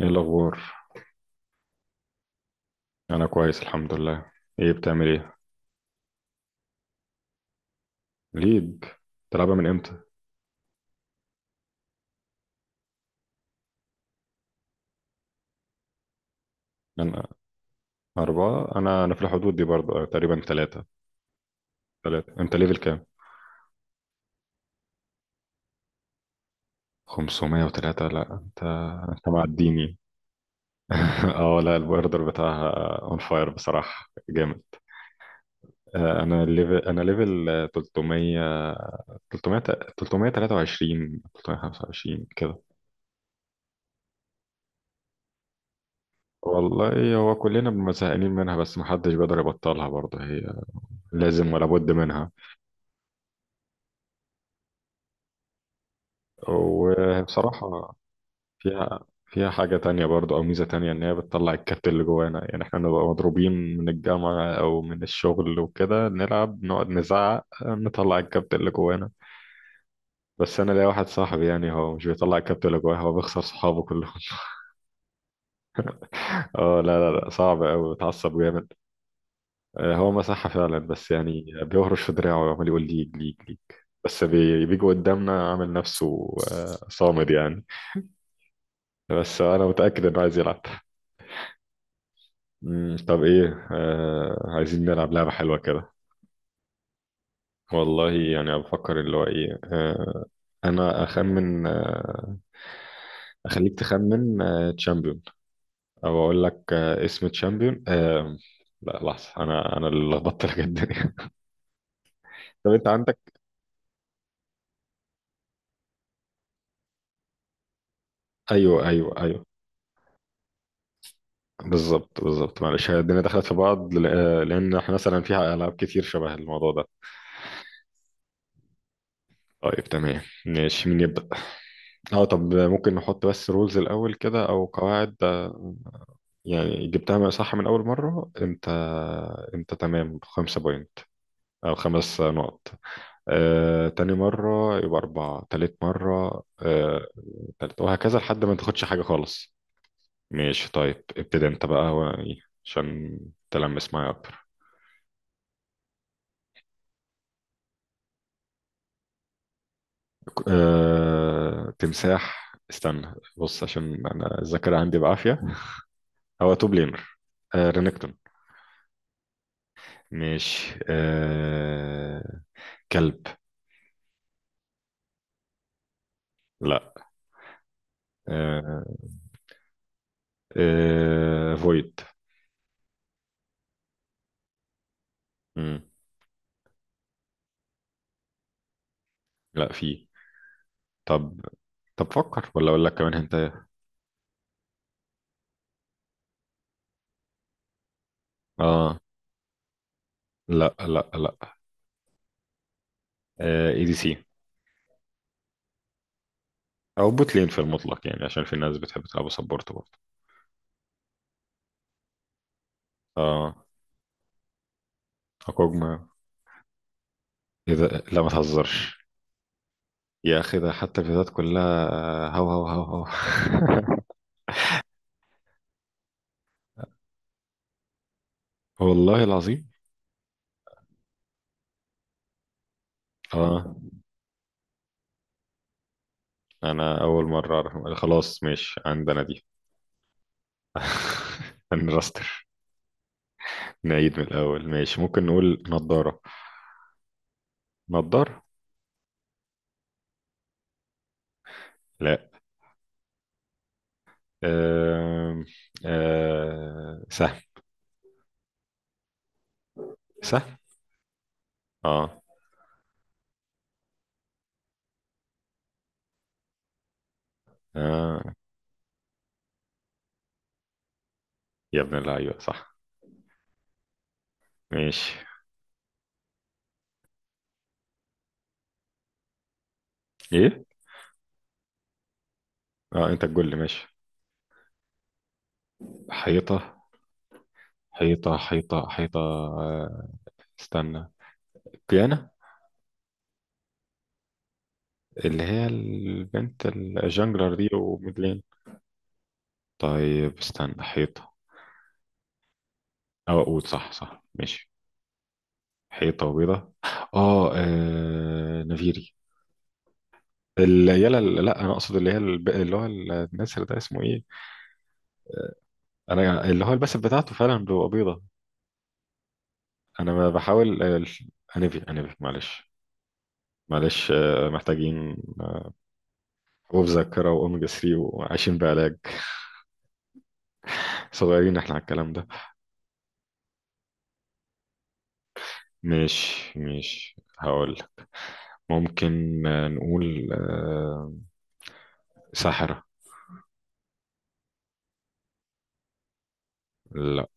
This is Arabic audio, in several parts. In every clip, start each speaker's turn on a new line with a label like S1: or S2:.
S1: ايه الاخبار؟ انا كويس، الحمد لله. ايه بتعمل ايه؟ ليج؟ تلعبها من امتى؟ انا اربعة. انا في الحدود دي برضه، تقريبا ثلاثة. ثلاثة. انت ليفل كام؟ 503؟ لا، انت انت معديني. اه، لا، البوردر بتاعها اون فاير، بصراحة جامد. انا ليفل 300. 300، 323، 325 كده. والله هو كلنا بنبقى زهقانين منها، بس محدش بيقدر يبطلها، برضه هي لازم ولا بد منها. وبصراحة فيها فيها حاجة تانية برضو، أو ميزة تانية، إن هي بتطلع الكابت اللي جوانا. يعني إحنا نبقى مضروبين من الجامعة أو من الشغل وكده، نلعب نقعد نزعق نطلع الكابت اللي جوانا. بس أنا ليا واحد صاحبي، يعني هو مش بيطلع الكابت اللي جواه، هو بيخسر صحابه كلهم. اه، لا لا لا، صعب أوي، بتعصب جامد. هو مساحة فعلا، بس يعني بيهرش في دراعه وعمال يقول ليج ليج ليج. بس بيجي قدامنا عامل نفسه، صامد يعني. بس أنا متأكد إنه عايز يلعب. طب ايه، عايزين نلعب لعبة حلوة كده. والله يعني بفكر اللي هو ايه انا اخمن اخليك تخمن تشامبيون. او اقول لك اسم تشامبيون لا لحظة، انا اللي لخبطت لك الدنيا. طب انت عندك. ايوه، ايوه، ايوه، بالظبط، بالظبط، معلش، هي الدنيا دخلت في بعض، لان احنا مثلا فيها العاب كتير شبه الموضوع ده. طيب، تمام، ماشي، مين يبدأ؟ اه، طب ممكن نحط بس رولز الاول كده، او قواعد، يعني جبتها بقى صح من أول مرة. أنت، أنت تمام، خمسة بوينت، أو خمس نقط. تاني مرة يبقى أربعة، تالت مرة، تالت، وهكذا لحد ما تاخدش حاجة خالص. ماشي، طيب، ابتدي أنت بقى، هو إيه عشان تلمس معايا أكتر. تمساح. استنى بص، عشان أنا الذاكرة عندي بعافية. هو توب لينر، رينكتون. ماشي. كلب. لا. آه... فويد. امم لا، في. طب، فكر، ولا اقول لك كمان انت؟ اه، لا لا لا. اي دي سي، او بوت لين في المطلق، يعني عشان في ناس بتحب تلعب سبورت برضه. اه، اكوجما. ايه ده، لا ما تهزرش. يا اخي، ده حتى الفيديوهات كلها هو هو هو هو. والله العظيم. اه. انا اول مره اعرف. خلاص، ماشي، عندنا دي. هنرستر. نعيد من الاول. ماشي، ممكن نقول نضاره. نضار. لا. آم، آه، سهم. سهم. اه اه. يا ابن اللعيبة، صح. ماشي. ايه. اه، انت تقول لي، ماشي. حيطة، حيطة، حيطة، حيطة، استنى. كيانا، اللي هي البنت الجانجلر دي، وميدلين. طيب استنى، حيطة. او اقول صح، صح. ماشي. حيطة وبيضة. اه، نفيري، العيال. لا، انا اقصد اللي هي اللي هو النسر ده، اسمه ايه؟ انا اللي هو الباسف بتاعته فعلا بيبقى بيضة. انا ما بحاول، انبي، معلش. معلش، محتاجين حبوب ذاكره واوميجا 3، وعايشين بعلاج. صغيرين احنا على الكلام ده. مش هقول. ممكن نقول، ساحره. لا.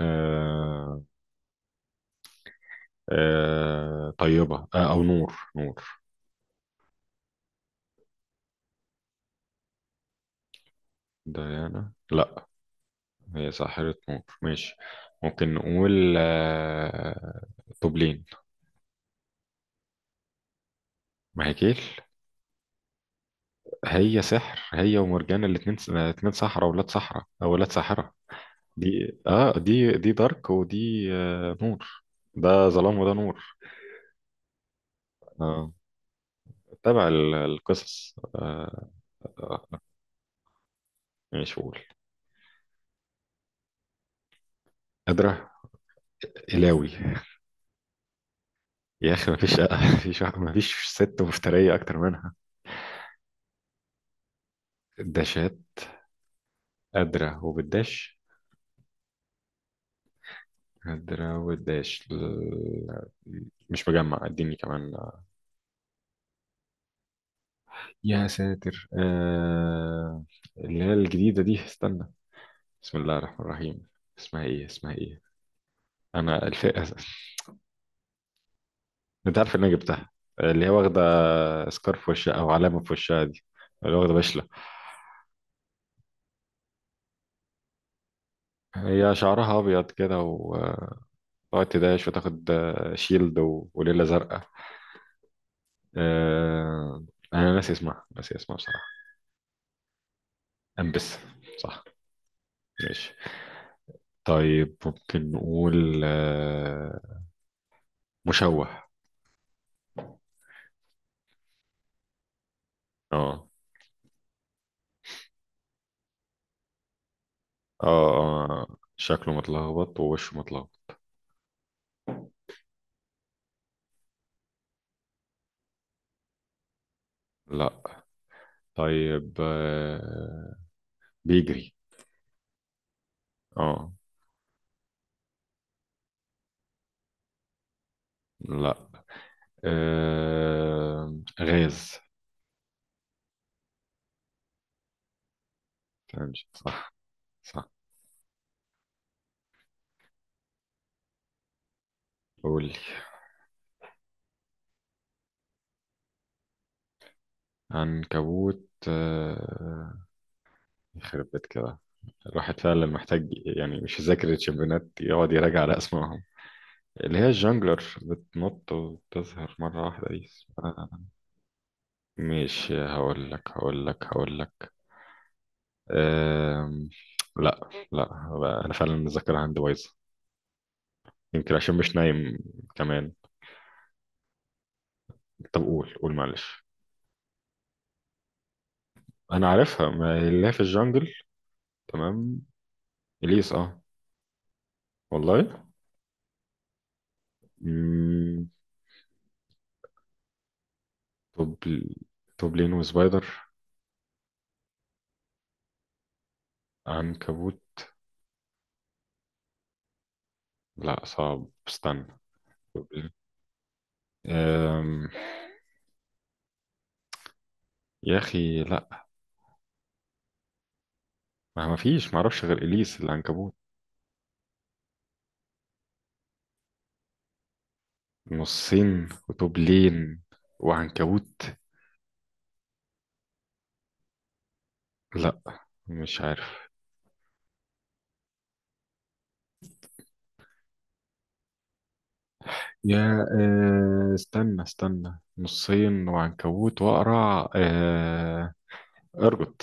S1: آه، طيبه، او نور. ديانا، لا. هي ساحره نور. ماشي. ممكن نقول، طبلين. مهاكيل. هي سحر، هي ومرجان الاتنين، اتنين سحرة، ولاد سحرة، او ولاد ساحرة. دي، اه، دي دارك، ودي نور. ده ظلام وده نور. آه. تابع القصص، آه، مش قول. قادرة. إلاوي. يا أخي، مفيش. مفيش مفيش ست مفترية أكتر منها. الداشات. قادرة وبالداش. قادرة والداش مش مجمع. اديني كمان. يا ساتر، آه. اللي هي الجديدة دي، استنى. بسم الله الرحمن الرحيم. اسمها ايه؟ اسمها ايه؟ انا انت عارف ان انا جبتها، اللي هي واخده سكارف في وشها، او علامه في وشها دي، اللي واخده بشله. هي شعرها ابيض كده، وتقعد تداش، وتاخد شيلد وليله زرقاء. أه... انا ناسي اسمها، ناسي اسمها بصراحه. امبس. صح. ماشي. طيب ممكن نقول، مشوه. اه، اه، اه، شكله متلخبط، ووشه متلخبط. لا. طيب، بيجري. اه. لا. غاز. فهمت. صح. صح. قول لي. عنكبوت. يخرب بيت كده. الواحد فعلا محتاج، يعني مش يذاكر الشمبيونات، يقعد يراجع على اسمائهم. اللي هي الجانجلر بتنط وتظهر مرة واحدة دي، اسمها-. ماشي، هقول لك، هقول لك، هقول لك. آم... لا لا، هو أنا فعلا الذاكرة عندي بايظة. يمكن عشان مش نايم كمان. طب، قول، معلش. انا عارفها، ما هي اللي هي في الجنجل. تمام، اليس، اه. والله. مم. توبل. توبلين، وسبايدر. عنكبوت. لا، صعب، استنى. توبلين. أم... يا اخي، لا. ما فيش، ما اعرفش غير اليس العنكبوت. نصين، وتوبلين، وعنكبوت. لا، مش عارف. يا، استنى نصين، وعنكبوت، واقرع، ارجوت.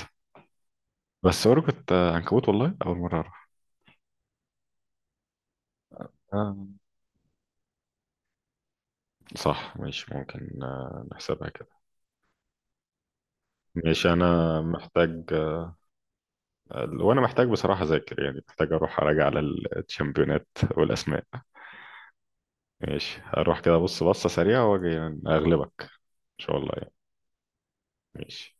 S1: بس ارجوت، عنكبوت، والله اول مره أعرف. آه. صح ماشي، ممكن نحسبها كده. ماشي، انا محتاج. وانا محتاج بصراحة اذاكر، يعني محتاج اروح اراجع على الشامبيونات والاسماء. ماشي، هروح كده بص بصة سريعة واجي، يعني اغلبك ان شاء الله يعني. ماشي.